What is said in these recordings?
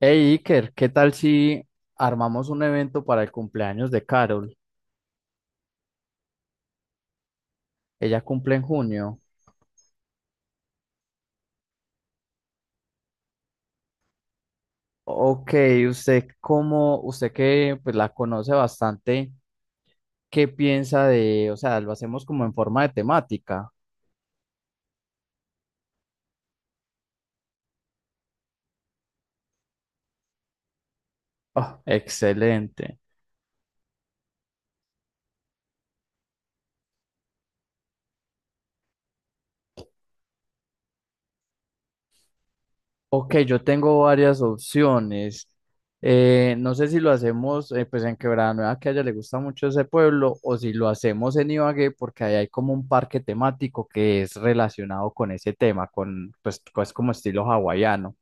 Hey Iker, ¿qué tal si armamos un evento para el cumpleaños de Carol? Ella cumple en junio. Ok, usted que pues la conoce bastante, ¿qué piensa de, o sea, lo hacemos como en forma de temática? Oh, excelente. Ok, yo tengo varias opciones. No sé si lo hacemos pues en Quebrada Nueva, que a ella le gusta mucho ese pueblo, o si lo hacemos en Ibagué, porque ahí hay como un parque temático que es relacionado con ese tema, con pues como estilo hawaiano.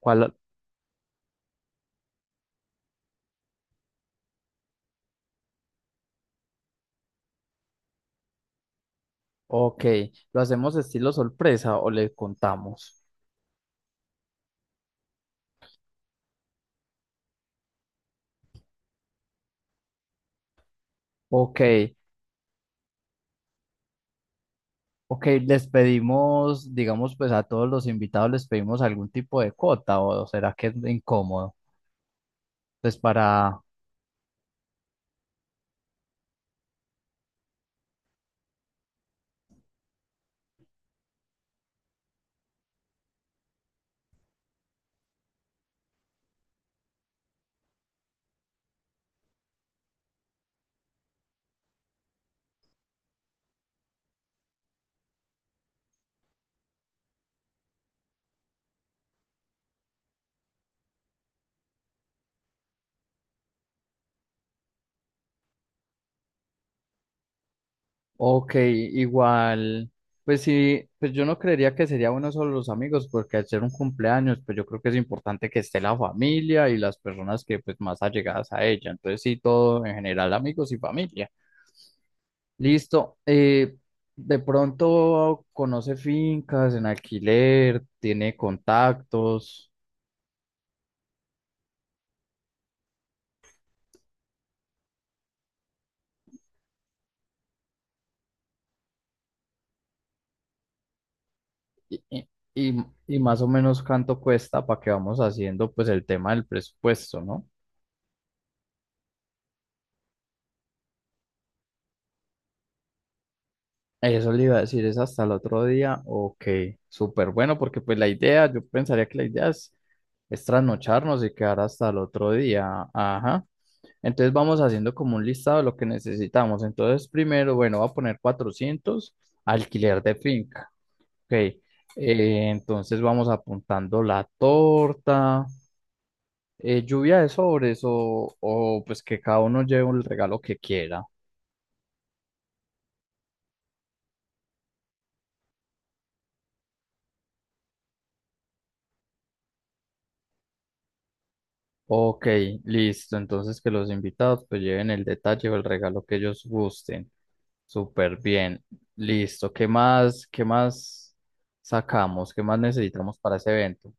¿Cuál? Ok, ¿lo hacemos estilo sorpresa o le contamos? Ok, ok, les pedimos, digamos, pues a todos los invitados les pedimos algún tipo de cuota, o será que es incómodo, pues para... Ok, igual, pues sí, pues yo no creería que sería bueno solo los amigos, porque al ser un cumpleaños, pues yo creo que es importante que esté la familia y las personas que pues más allegadas a ella. Entonces sí, todo en general, amigos y familia. Listo. De pronto conoce fincas en alquiler, tiene contactos y, y, y más o menos cuánto cuesta para que vamos haciendo pues el tema del presupuesto, ¿no? Eso le iba a decir, es hasta el otro día. Ok, súper bueno, porque pues la idea, yo pensaría que la es trasnocharnos y quedar hasta el otro día. Ajá. Entonces vamos haciendo como un listado de lo que necesitamos. Entonces, primero, bueno, voy a poner cuatrocientos, alquiler de finca. Ok, entonces vamos apuntando la torta, lluvia de sobres o pues que cada uno lleve el regalo que quiera. Ok, listo. Entonces que los invitados pues lleven el detalle o el regalo que ellos gusten. Súper bien. Listo. ¿Qué más sacamos? ¿Qué más necesitamos para ese evento?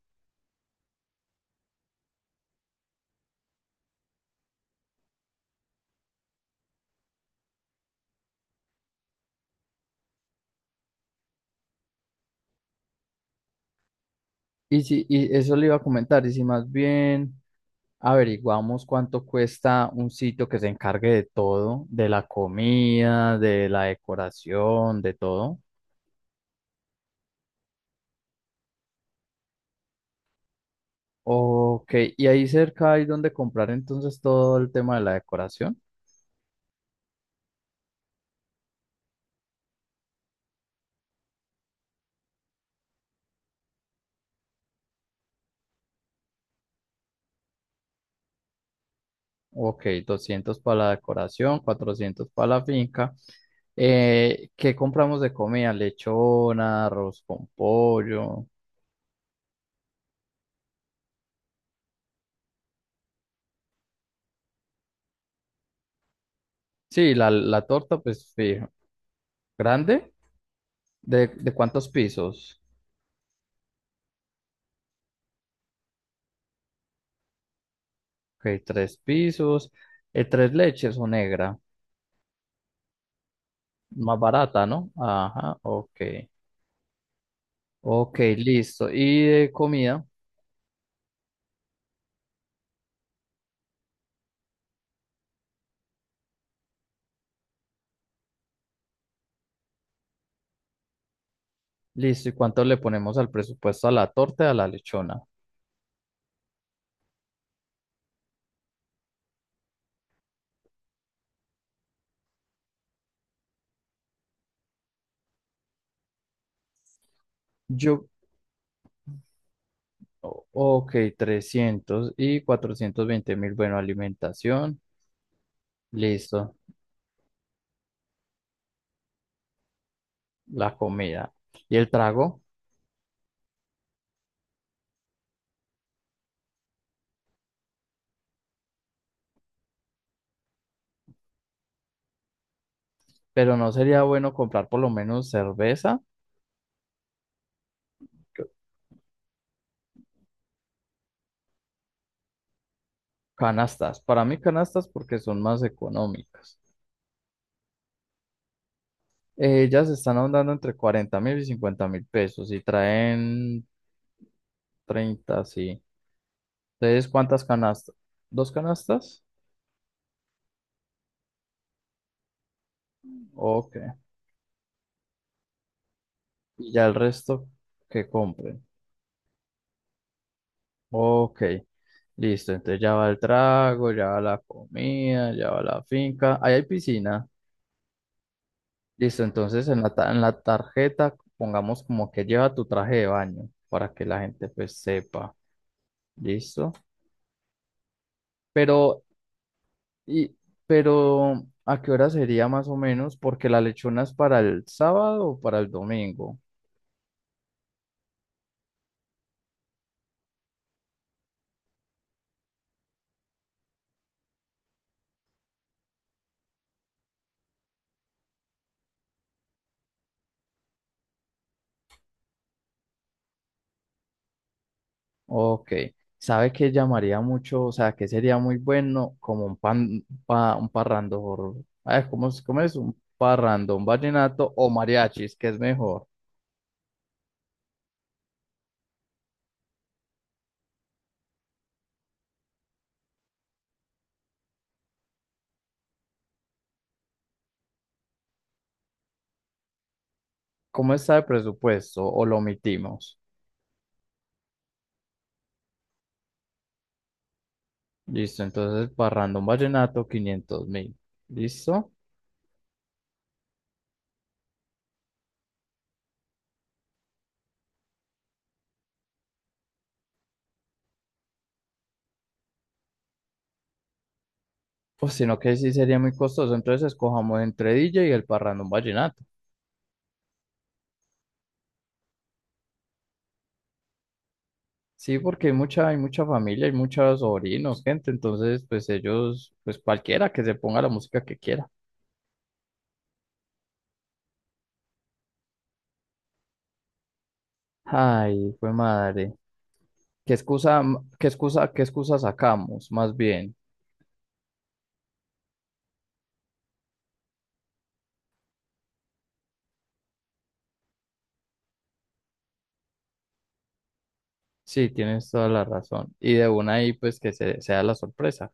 Y si, Y eso le iba a comentar, y si más bien averiguamos cuánto cuesta un sitio que se encargue de todo, de la comida, de la decoración, de todo. Ok, y ahí cerca hay donde comprar entonces todo el tema de la decoración. Ok, 200 para la decoración, 400 para la finca. ¿Qué compramos de comida? Lechona, arroz con pollo. Sí, la torta, pues fijo. ¿Grande? ¿De cuántos pisos? Ok, tres pisos. Tres leches o negra. Más barata, ¿no? Ajá, ok. Ok, listo. ¿Y de comida? Listo. ¿Y cuánto le ponemos al presupuesto a la torta y a la lechona? Yo... O- Ok, 300 y 420 mil. Bueno, alimentación, listo, la comida y el trago, pero no sería bueno comprar por lo menos cerveza, c- canastas. Para mí canastas porque son más económicas. Ellas están andando entre 40 mil y 50 mil pesos y traen 30. Sí. Entonces, ¿cuántas canastas? ¿Dos canastas? Ok. Y ya el resto que compren. Ok, listo. Entonces ya va el trago, ya va la comida, ya va la finca. Ahí hay piscina. Listo, entonces en en la tarjeta pongamos como que lleva tu traje de baño para que la gente pues sepa. Listo. Pero, y, pero, ¿a qué hora sería más o menos? Porque la lechona es para el sábado o para el domingo. Ok, ¿sabe qué llamaría mucho? O sea, que sería muy bueno como un un parrandón, ay, ¿cómo es? Un parrandón, ¿vallenato o mariachis, que es mejor? ¿Cómo está el presupuesto o lo omitimos? Listo, entonces parrandón, vallenato, 500 mil, ¿listo? Pues sino que sí sería muy costoso, entonces escojamos entre DJ y el parrandón vallenato. Sí, porque hay mucha familia, hay muchos sobrinos, gente, entonces pues ellos, pues cualquiera que se ponga la música que quiera. Ay, fue madre. ¿Qué excusa, m- qué excusa, ¿qué excusa sacamos? Más bien. Sí, tienes toda la razón. Y de una ahí, sea la sorpresa,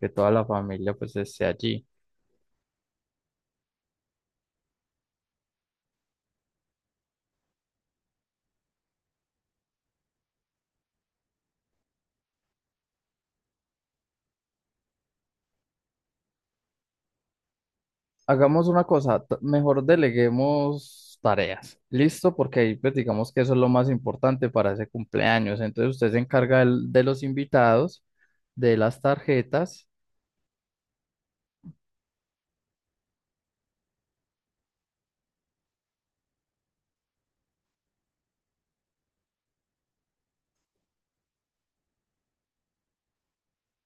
que toda la familia pues esté allí. Hagamos una cosa, mejor deleguemos tareas. ¿Listo? Porque ahí pues digamos que eso es lo más importante para ese cumpleaños. Entonces usted se encarga de los invitados, de las tarjetas,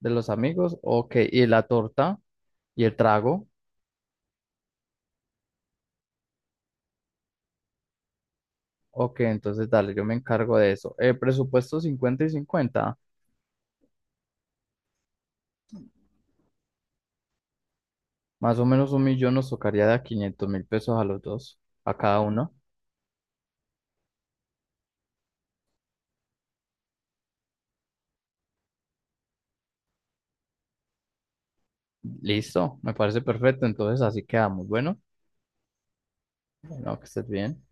de los amigos, ok, y la torta y el trago. Ok, entonces dale, yo me encargo de eso. Presupuesto 50 y 50, más o menos un millón nos tocaría de a 500 mil pesos a los dos, a cada uno. Listo, me parece perfecto. Entonces así quedamos. Bueno, bueno, que estés bien.